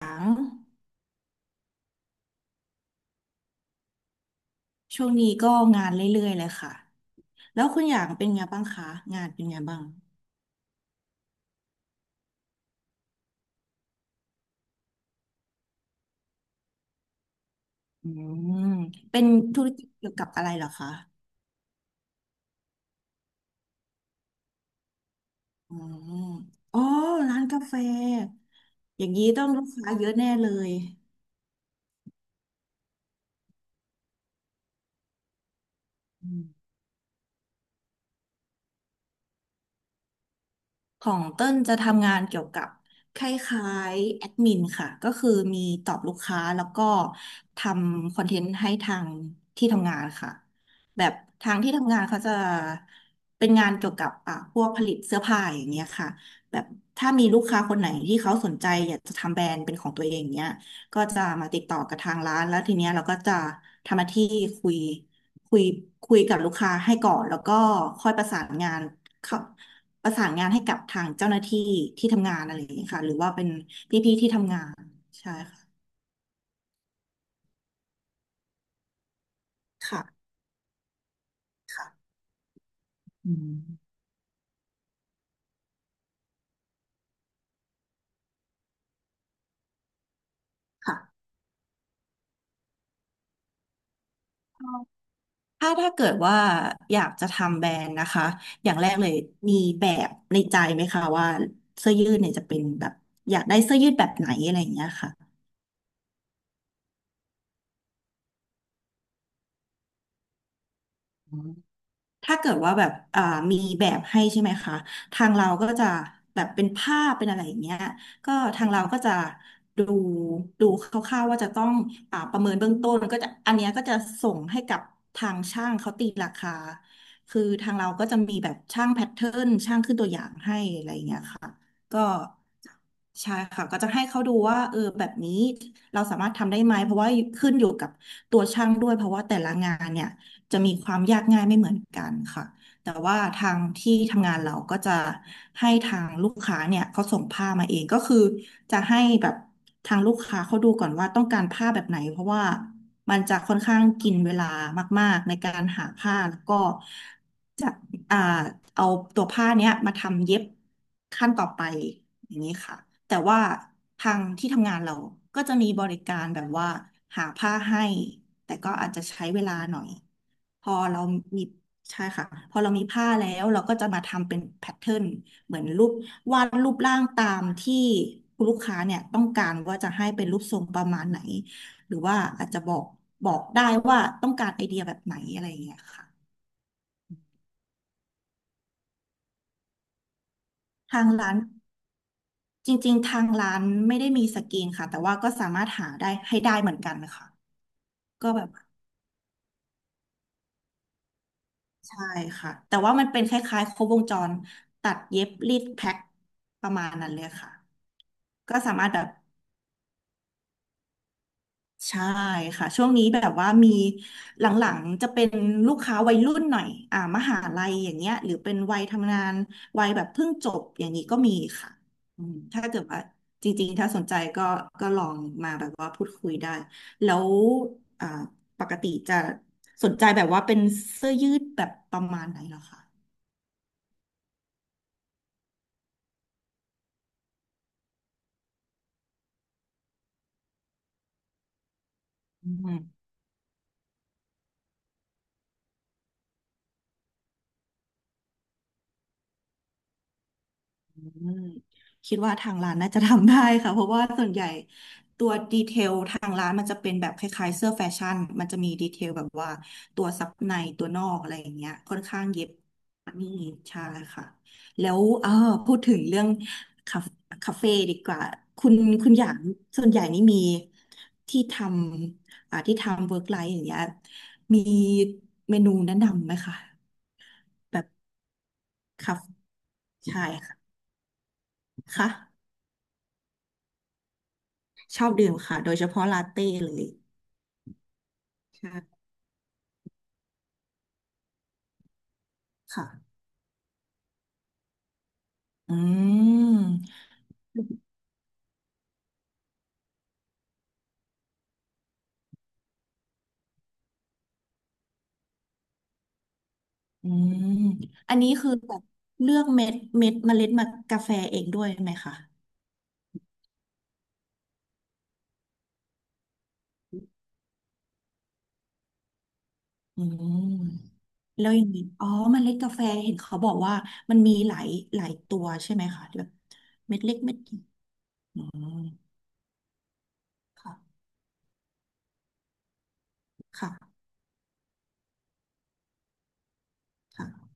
างช่วงนี้ก็งานเรื่อยๆเลยค่ะแล้วคุณอย่างเป็นไงบ้างคะงานเป็นไงบ้างอืมเป็นธุรกิจเกี่ยวกับอะไรเหรอคะอืมอ๋อร้านกาแฟอย่างนี้ต้องลูกค้าเยอะแน่เลยอืม ของเต้นจะทำงานเกี่ยวกับคล้ายๆแอดมินค่ะก็คือมีตอบลูกค้าแล้วก็ทำคอนเทนต์ให้ทางที่ทำงานค่ะแบบทางที่ทำงานเขาจะเป็นงานเกี่ยวกับอ่ะพวกผลิตเสื้อผ้าอย่างเงี้ยค่ะแบบถ้ามีลูกค้าคนไหนที่เขาสนใจอยากจะทำแบรนด์เป็นของตัวเองเนี้ยก็จะมาติดต่อกับทางร้านแล้วทีเนี้ยเราก็จะทำหน้าที่คุยคุยคุยกับลูกค้าให้ก่อนแล้วก็ค่อยประสานงานเข้า ประสานงานให้กับทางเจ้าหน้าที่ที่ทำงานอะไรอย่างนี้ยค่ะหรือว่าเป็นพี่ๆที่ทำงานใช่ค่ะค่ะค่ะอืมค่ะถ้าถ้าเกิดว่าอยากจะทำแบรนด์นะคะอย่างแรกเลยมีแบบในใจไหมคะว่าเสื้อยืดเนี่ยจะเป็นแบบอยากได้เสื้อยืดแบบไหนอะไรอย่างเงี้ยค่ะ ถ้าเกิดว่าแบบมีแบบให้ใช่ไหมคะทางเราก็จะแบบเป็นภาพเป็นอะไรอย่างเงี้ยก็ทางเราก็จะดูดูคร่าวๆว่าจะต้องประเมินเบื้องต้นก็จะอันเนี้ยก็จะส่งให้กับทางช่างเขาตีราคาคือทางเราก็จะมีแบบช่างแพทเทิร์นช่างขึ้นตัวอย่างให้อะไรอย่างเงี้ยค่ะก็ใช่ค่ะก็จะให้เขาดูว่าเออแบบนี้เราสามารถทำได้ไหมเพราะว่าขึ้นอยู่กับตัวช่างด้วยเพราะว่าแต่ละงานเนี่ย จะมีความยากง่ายไม่เหมือนกันค่ะแต่ว่าทางที่ทำงานเราก็จะให้ทางลูกค้าเนี่ยเขาส่งผ้ามาเองก็คือจะให้แบบทางลูกค้าเขาดูก่อนว่าต้องการผ้าแบบไหนเพราะว่ามันจะค่อนข้างกินเวลามากๆในการหาผ้าแล้วก็จะ อ่าเอาตัวผ้าเนี้ยมาทำเย็บขั้นต่อไปอย่างนี้ค่ะแต่ว่าทางที่ทำงานเราก็จะมีบริการแบบว่าหาผ้าให้แต่ก็อาจจะใช้เวลาหน่อยพอเรามีใช่ค่ะพอเรามีผ้าแล้วเราก็จะมาทำเป็นแพทเทิร์นเหมือนรูปวาดรูปร่างตามที่คุณลูกค้าเนี่ยต้องการว่าจะให้เป็นรูปทรงประมาณไหนหรือว่าอาจจะบอกได้ว่าต้องการไอเดียแบบไหนอะไรอย่างเงี้ยค่ะทางร้าน จริงๆทางร้านไม่ได้มีสกรีนค่ะแต่ว่าก็สามารถหาได้ให้ได้เหมือนกันนะคะก็แบบใช่ค่ะแต่ว่ามันเป็นคล้ายๆครบวงจรตัดเย็บรีดแพ็คประมาณนั้นเลยค่ะก็สามารถแบบ ใช่ค่ะช่วงนี้แบบว่ามีหลังๆจะเป็นลูกค้าวัยรุ่นหน่อยมหาลัยอย่างเงี้ยหรือเป็นวัยทำงานวัยแบบเพิ่งจบอย่างนี้ก็มีค่ะอืมถ้าเกิดว่าจริงๆถ้าสนใจก็ก็ลองมาแบบว่าพูดคุยได้แล้วอ่าปกติจะสนใจแบบว่าเป็นเสื้อยืดแบบประมาณไหนเหรอคะ อืมคิดว่าทางร้านน่าจะทำได้ค่ะเพราะว่าส่วนใหญ่ตัวดีเทลทางร้านมันจะเป็นแบบคล้ายๆเสื้อแฟชั่นมันจะมีดีเทลแบบว่าตัวซับในตัวนอกอะไรอย่างเงี้ยค่อนข้างเย็บนี่ใช่ค่ะแล้วเออพูดถึงเรื่องคาคาเฟ่ดีกว่าคุณคุณอย่างส่วนใหญ่นี่มีที่ทำที่ทำเวิร์กไลฟ์อย่างเงี้ยมีเมนูแนะนำไหมคะแบบคาเฟ่ใช่ค่ะค่ะ ชอบดื่มค่ะโดยเฉพาะลาเต้เลยใช่ค่ะอืมอืม อันนี้คือแบบเลือกเมล็ดมากาแฟเองด้วยไหมคะอืมแล้วอย่างนี้อ๋อเมล็ดกาแฟเห็นเขาบอกว่ามันมีหลายตัวใช่ไหมคะแบบเม็ดเล็กเม็ดใหญ่อืมค่ะค่ะค่ะ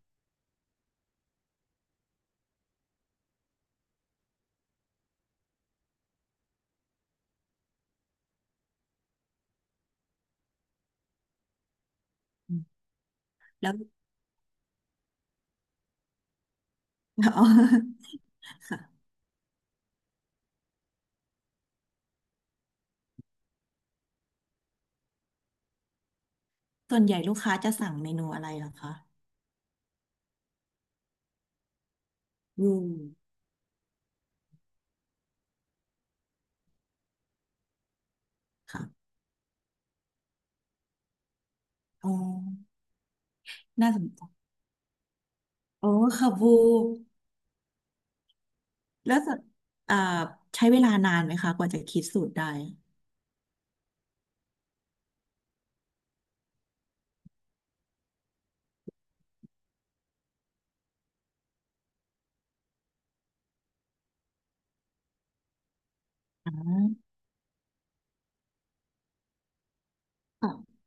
อืมแล้วอ๋อค่ะส่วนใหญ่ลูกค้าจะสั่งเมนูอะไรเหรอคะอืมค่ะอ๋อน่าสนใจ โอ้ค่ะบูแล้วจะอ่าใช้เวลานานไหมคะกว่าจะคิดสูตรได้อ่าค่ะ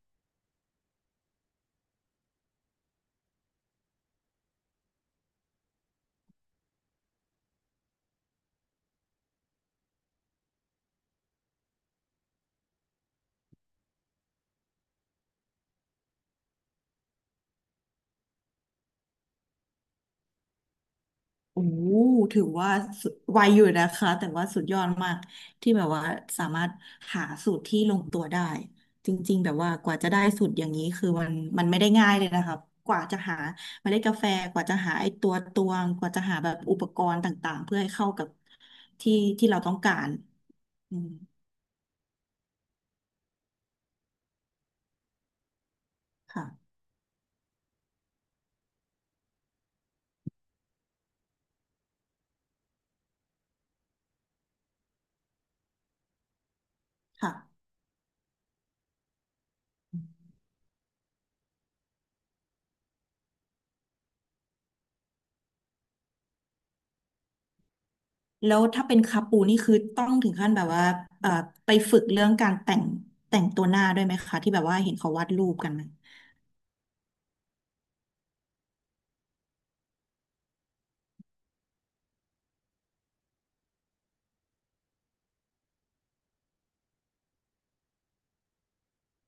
โอ้ถือว่าสุดไวอยู่นะคะแต่ว่าสุดยอดมากที่แบบว่าสามารถหาสูตรที่ลงตัวได้จริงๆแบบว่ากว่าจะได้สูตรอย่างนี้คือมันไม่ได้ง่ายเลยนะคะกว่าจะหาเมล็ดกาแฟกว่าจะหาไอ้ตัวตวงกว่าจะหาแบบอุปกรณ์ต่างๆเพื่อให้เข้ากับที่ที่เราต้องการอืมค่ะค่ะ แล้วถ้าเป็นคาปูนี่คือต้องถึงขั้นแบบว่าเอ่อไปฝึกเรื่องการแต่งแต่งตัวหน้าด้วยไหมคะที่แบบว่าเห็นเขาวาดรูปกันนะ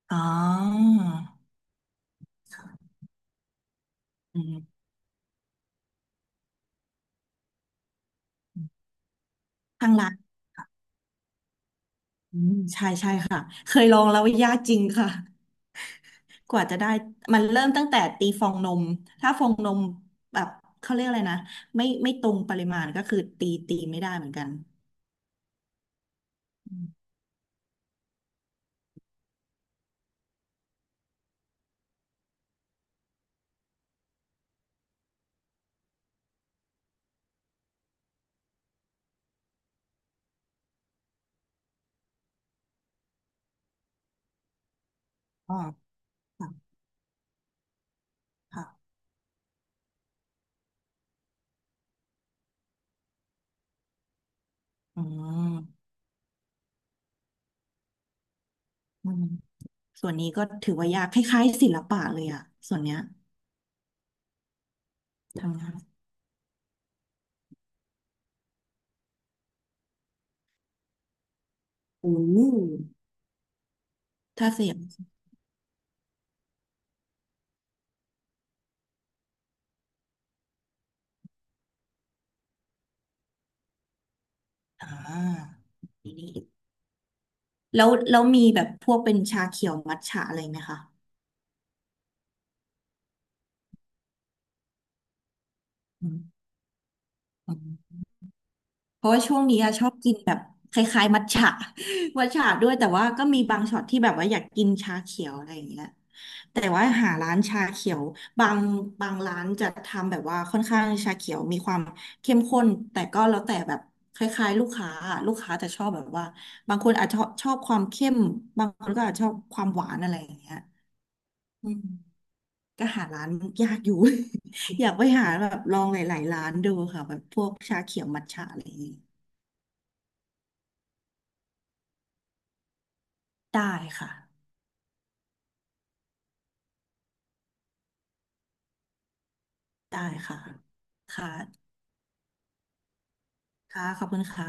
อ๋ออืมทางร้านอืมใช่ใช่ค่ะเคยลองแล้วยากจริงค่ะกว่าจะได้มันเริ่มตั้งแต่ตีฟองนมถ้าฟองนมแบบเขาเรียกอะไรนะไม่ตรงปริมาณก็คือตีไม่ได้เหมือนกันอืมอ๋อค่ะค่ะอืมอืมส่วนนี้ก็ถือว่ายากคล้ายๆศิลปะเลยอะส่วนเนี้ยทำงาน โอ้ถ้าเสียงอ่านี่แล้ว แล้วมีแบบพวกเป็นชาเขียว มัทฉะอะไรไหมคะอืม เพราะว่าช่วงนี้อะชอบกินแบบคล้ายๆมัทฉะ มัทฉะ ด้วยแต่ว่าก็มีบางช็อตที่แบบว่าอยากกินชาเขียวอะไรอย่างเงี้ยแต่ว่าหาร้านชาเขียวบางบางร้านจะทำแบบว่าค่อนข้างชาเขียวมีความเข้มข้นแต่ก็แล้วแต่แบบคล้ายๆลูกค้าอะลูกค้าจะชอบแบบว่าบางคนอาจจะชอบความเข้มบางคนก็อาจจะชอบความหวานอะไรอย่างเงี้ยอืมก็หาร้านยากอยู่ อยากไปหาแบบลองหลายๆร้านดูค่ะแบบพวกชาเขียวมัทฉะอะไรอย่างงี้ ได้ค่ะได้ค่ะค่ะค่ะขอบคุณค่ะ